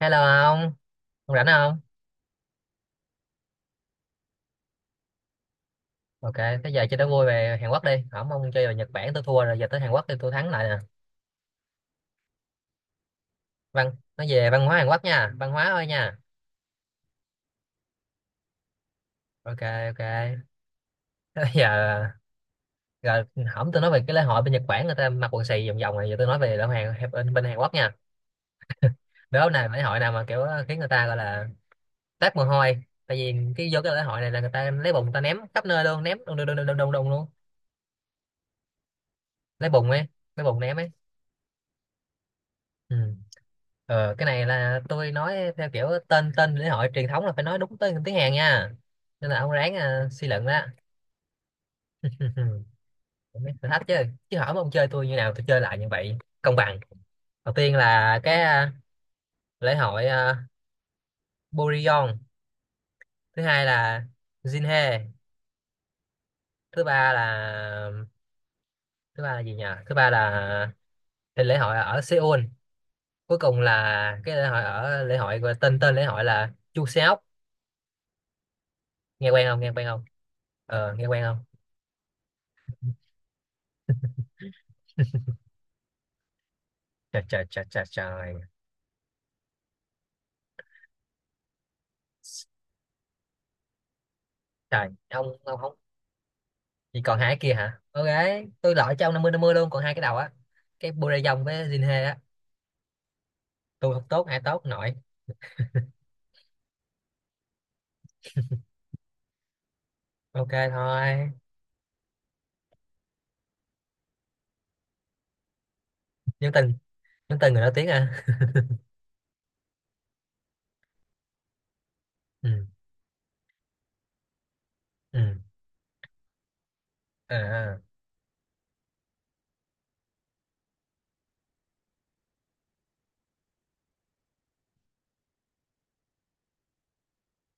Hello ông, ông rảnh không? Ok, thế giờ chơi đố vui về Hàn Quốc đi. Không, ông chơi về Nhật Bản tôi thua rồi, giờ tới Hàn Quốc thì tôi thắng lại nè. Văn, nói về văn hóa Hàn Quốc nha, văn hóa thôi nha. Ok, ok. Thế giờ, rồi hổng tôi nói về cái lễ hội bên Nhật Bản người ta mặc quần xì vòng vòng này, giờ tôi nói về lễ hội Hàn, bên Hàn Quốc nha. Đố này lễ hội nào mà kiểu khiến người ta gọi là toát mồ hôi. Tại vì vô cái lễ hội này là người ta lấy bùn người ta ném khắp nơi luôn, ném đùng đùng đùng đùng đùng đùng luôn. Lấy bùn ấy, lấy bùn ném ấy. Ừ. Ờ, cái này là tôi nói theo kiểu tên tên lễ hội truyền thống là phải nói đúng tên tiếng Hàn nha, nên là ông ráng suy luận đó. Cũng biết thử thách chứ, chứ hỏi mà ông chơi tôi như nào tôi chơi lại như vậy công bằng. Đầu tiên là cái lễ hội Burion, thứ hai là Jinhae, thứ ba là, thứ ba là gì nhỉ, thứ ba là cái lễ hội ở Seoul, cuối cùng là cái lễ hội ở lễ hội tên tên lễ hội là Chuseok. Nghe quen không, nghe quen không? Ờ, nghe quen không? Trời trời trời trời trời. Trời ông không. Chỉ còn hai cái kia hả? Ok, tôi loại cho ông năm mươi luôn, còn hai cái đầu á, cái Burayong với Jinhe á. Tôi không tốt ai tốt không nổi. Ok thôi. Nhắn tin, nhắn tin người nói tiếng à. Ừ, ừ à à.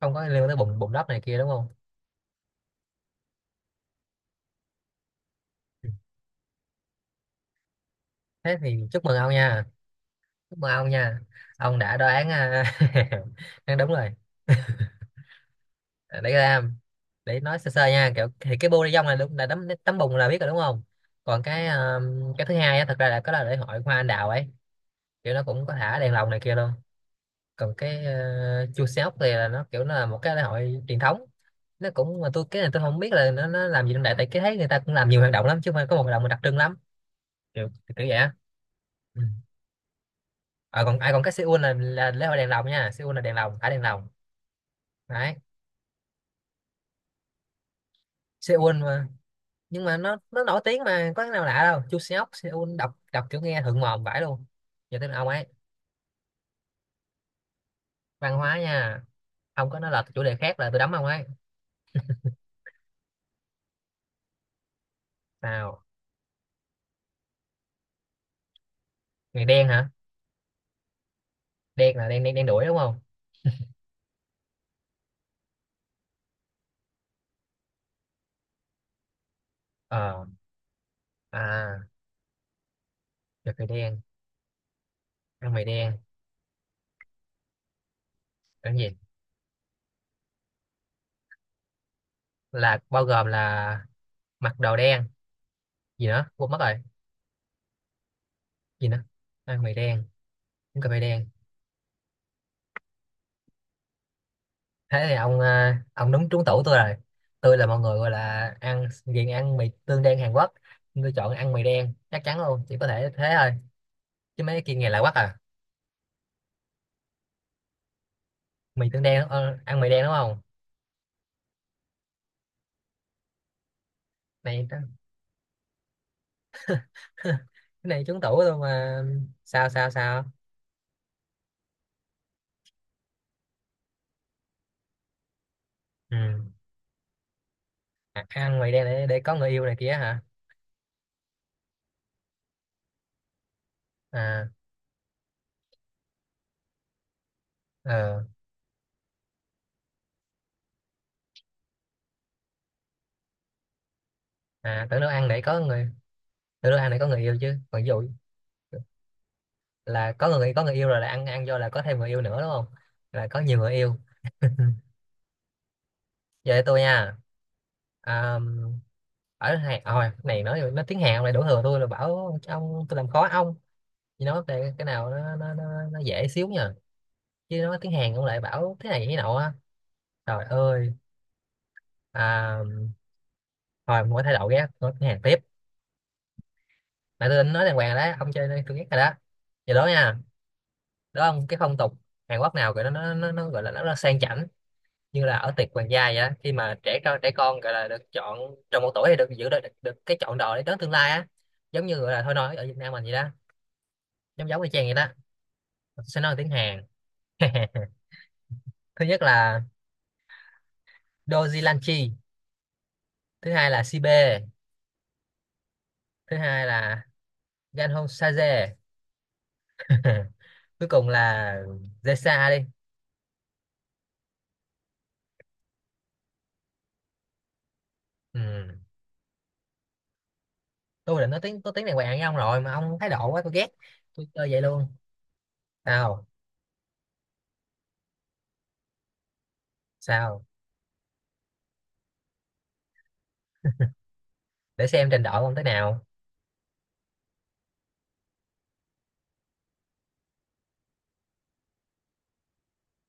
Không có liên quan tới bụng bụng đất này kia đúng không? Ừ. Thế thì chúc mừng ông nha, chúc mừng ông nha, ông đã đoán đoán đúng rồi. Để ra, để nói sơ sơ nha, kiểu thì cái bu dong là đúng, là tấm tấm bùn là biết rồi đúng không? Còn cái thứ hai á, thật ra là có là lễ hội hoa anh đào ấy, kiểu nó cũng có thả đèn lồng này kia luôn. Còn cái chua sóc thì là nó kiểu nó là một cái lễ hội truyền thống, nó cũng mà tôi cái này tôi không biết là nó làm gì trong đại, tại cái thấy người ta cũng làm nhiều hoạt động lắm chứ không phải có một hoạt động mà đặc trưng lắm, kiểu kiểu vậy á. Ừ. À, còn ai còn cái Seoul là lễ hội đèn lồng nha, Seoul là đèn lồng, thả đèn lồng đấy. Seoul mà, nhưng mà nó nổi tiếng mà có cái nào lạ đâu. Chu Seok Seoul đọc đọc kiểu nghe thượng mồm vãi luôn. Giờ tới ông ấy, văn hóa nha. Ông có nói là chủ đề khác là tôi đấm ông ấy. Nào, người đen hả? Đen là đen đen đen đuổi đúng không? Ờ, à, được người đen, ăn mày đen, ăn gì, là bao gồm là mặc đồ đen, gì nữa quên mất rồi, gì nữa, ăn mày đen, uống cà phê đen. Thế thì ông ông đúng trúng tủ tôi rồi. Tôi là mọi người gọi là ăn ghiền ăn mì tương đen Hàn Quốc. Nhưng tôi chọn ăn mì đen chắc chắn luôn, chỉ có thể thế thôi, chứ mấy kia nghe lạ quá à. Mì tương đen ăn mì đen đúng không? Này ta- cái này trúng tủ luôn mà. Sao sao sao? Ừ. À, ăn mì đen để có người yêu này kia hả? À, ờ, à, tưởng đâu ăn để có người, tưởng đâu ăn để có người yêu chứ, còn ví dụ là có người, có người yêu rồi là ăn, ăn vô là có thêm người yêu nữa đúng không, là có nhiều người yêu. Giờ để tôi nha. À, ở Hàn à, hồi này nói tiếng Hàn này đổ thừa tôi là bảo ông tôi làm khó ông. Chỉ nói về cái nào nó dễ xíu nha, chứ nói tiếng Hàn ông lại bảo thế này thế nọ á. Trời ơi. À, hồi mỗi thay đổi ghét nói tiếng Hàn tiếp, mà tôi định nói đàng hoàng rồi đó ông chơi đây tôi ghét rồi đó. Giờ đó nha, đó ông, cái phong tục Hàn Quốc nào gọi nó gọi là nó sang chảnh như là ở tiệc hoàng gia vậy á, khi mà trẻ con gọi là được chọn trong một tuổi thì được giữ được cái chọn đời đến tương lai á, giống như gọi là thôi nói ở Việt Nam mình vậy đó, giống giống y chang vậy đó. Tôi sẽ nói tiếng Hàn. Thứ nhất là Doji Lanchi, thứ hai là Sibe, thứ hai là Ganhong Saje, cuối cùng là Zesa đi. Ừ. Tôi định nói tiếng có tiếng này quen với ông rồi mà ông thái độ quá tôi ghét, tôi chơi vậy luôn. Sao sao? Để xem trình độ ông thế nào.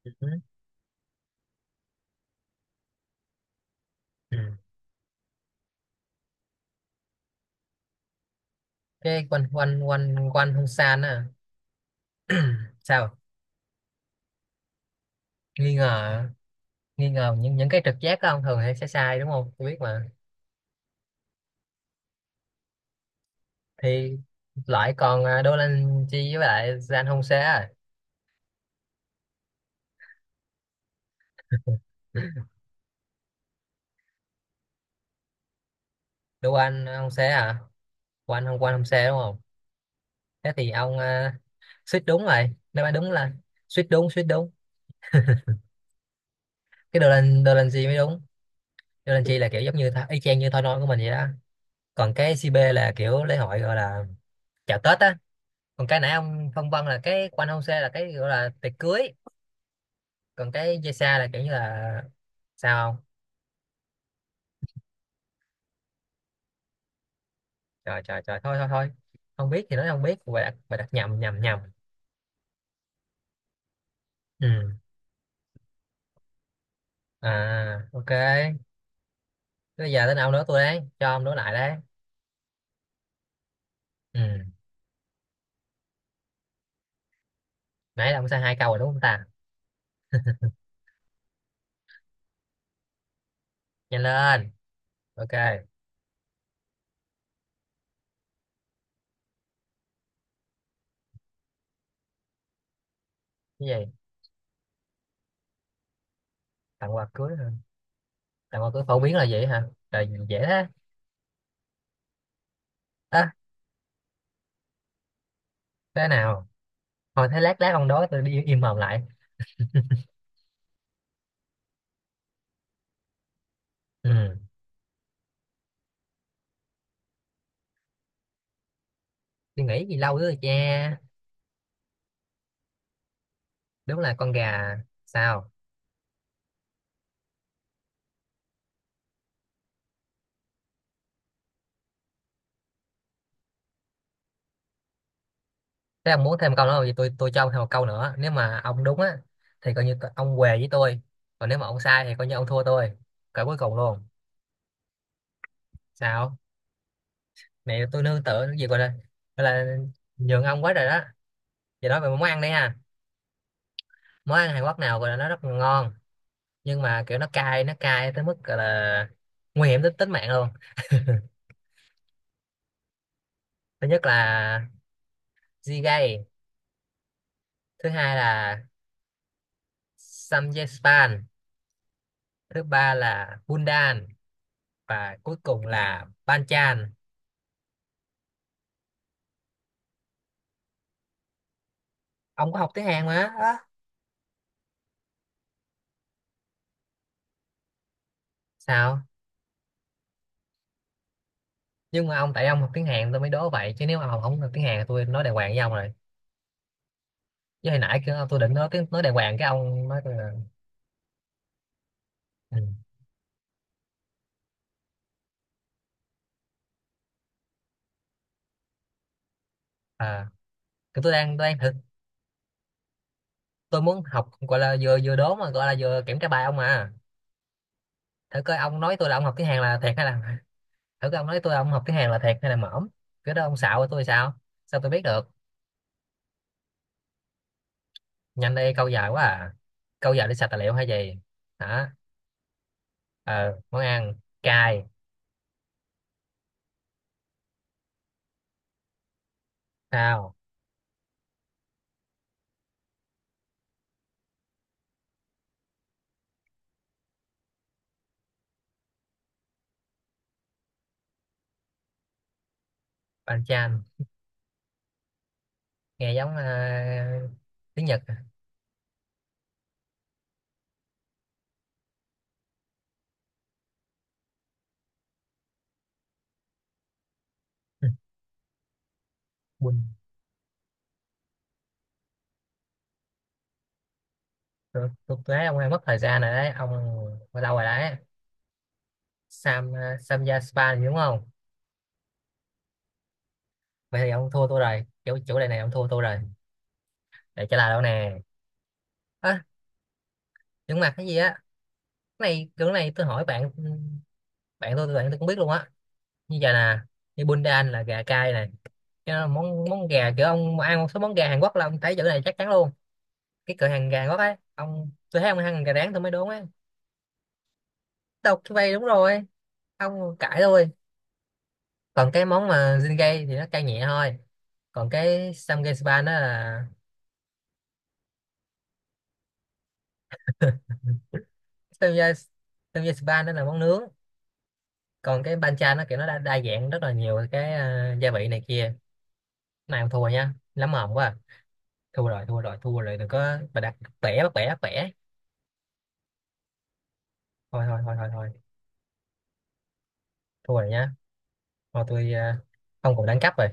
Ừ. Ừ. Cái quanh quanh quanh quanh không san á. Sao? Nghi ngờ, nghi ngờ những cái trực giác của ông thường hay sẽ sai đúng không, tôi biết mà. Thì loại còn Dolanchi với lại San Jose à. Đô Anh không xé à? Quanh không xé đúng không? Thế thì ông suýt đúng rồi nếu mà đúng là, suýt đúng suýt đúng. Cái đồ lên gì mới đúng. Đồ lên Chi là kiểu giống như tho- y chang như Thôi Nói của mình vậy đó. Còn cái CB là kiểu lễ hội gọi là chào Tết á. Còn cái nãy ông phân vân là cái của anh Hông Sê là cái gọi là tiệc cưới. Còn cái dây xa là kiểu như là, sao không? Trời trời trời thôi thôi thôi. Không biết thì nói không biết, bài đặt nhầm nhầm nhầm. Ừ à ok. Bây giờ đến ông nữa tôi đấy cho ông đối lại đấy. Ừ. Nãy là ông sai hai câu rồi đúng không ta, nhanh lên. Ok, cái gì? Tặng quà cưới hả? Tặng quà cưới phổ biến là gì hả, trời dễ thế. À, thế nào? Thôi thế lát lát ông đói tôi đi im mồm lại. Ừ. Tôi nghĩ gì lâu nữa rồi cha, đúng là con gà. Sao? Thế ông muốn thêm câu nữa không? Thì tôi cho ông thêm một câu nữa nếu mà ông đúng á, thì coi như t- ông què với tôi, còn nếu mà ông sai thì coi như ông thua tôi, cỡ cuối cùng luôn. Sao? Này tôi nương tựa cái gì gọi là, gọi là nhường ông quá rồi đó. Giờ nói về món ăn đi ha. Món ăn Hàn Quốc nào gọi là nó rất là ngon nhưng mà kiểu nó cay, nó cay tới mức gọi là nguy hiểm tới tính mạng luôn. Thứ nhất là Jjigae, thứ hai là Samgyeopsal, thứ ba là Bundan, và cuối cùng là Banchan. Ông có học tiếng Hàn mà. Sao? Nhưng mà ông, tại ông học tiếng Hàn tôi mới đố vậy, chứ nếu mà ông không học tiếng Hàn thì tôi nói đàng hoàng với ông rồi. Chứ hồi nãy kêu tôi định nói tiếng nói đàng hoàng cái ông nói tôi là. Ừ. À, cái tôi đang thử, tôi muốn học gọi là vừa vừa đố mà gọi là vừa kiểm tra bài ông mà, thử coi ông nói tôi là ông học tiếng Hàn là thiệt hay là. Thử coi ông nói tôi là ông học tiếng Hàn là thiệt hay là mỏm. Cái đó ông xạo với tôi sao, sao tôi biết được. Nhanh đây câu dài quá à, câu dài để sạch tài liệu hay gì. Hả? Ờ món ăn cay. Sao? Bánh chan, nghe giống tiếng Nhật à. Quỳnh. Tôi thấy ông đang mất thời gian rồi đấy ông, bao lâu rồi đấy. Sam, Samja Spa gì đúng không? Vậy thì ông thua tôi rồi, kiểu chủ đề này ông thua tôi rồi. Để trả lời đâu nè. À, những mặt cái gì á. Cái này kiểu này tôi hỏi bạn, bạn tôi cũng biết luôn á. Như vậy nè, như Bundan là gà cay này, cái đó là món món gà, kiểu ông ăn một số món gà Hàn Quốc là ông thấy chữ này chắc chắn luôn. Cái cửa hàng gà Hàn Quốc ấy ông, tôi thấy ông ăn gà rán tôi mới đúng ấy. Đọc cái vây đúng rồi, ông cãi thôi. Còn cái món mà Jingay thì nó cay nhẹ thôi. Còn cái samgye spa nó là, samgye, samgye spa nó là món nướng. Còn cái bancha nó kiểu nó đa dạng rất là nhiều cái gia vị này kia. Cái này không thua nha, lắm mồm quá à. Thua rồi thua rồi thua rồi, đừng có bà đặt bẻ bắt bẻ. Thôi thôi thôi thôi thôi, thua rồi nha. Thôi tôi không còn đánh cắp rồi.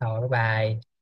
Thôi bye bye.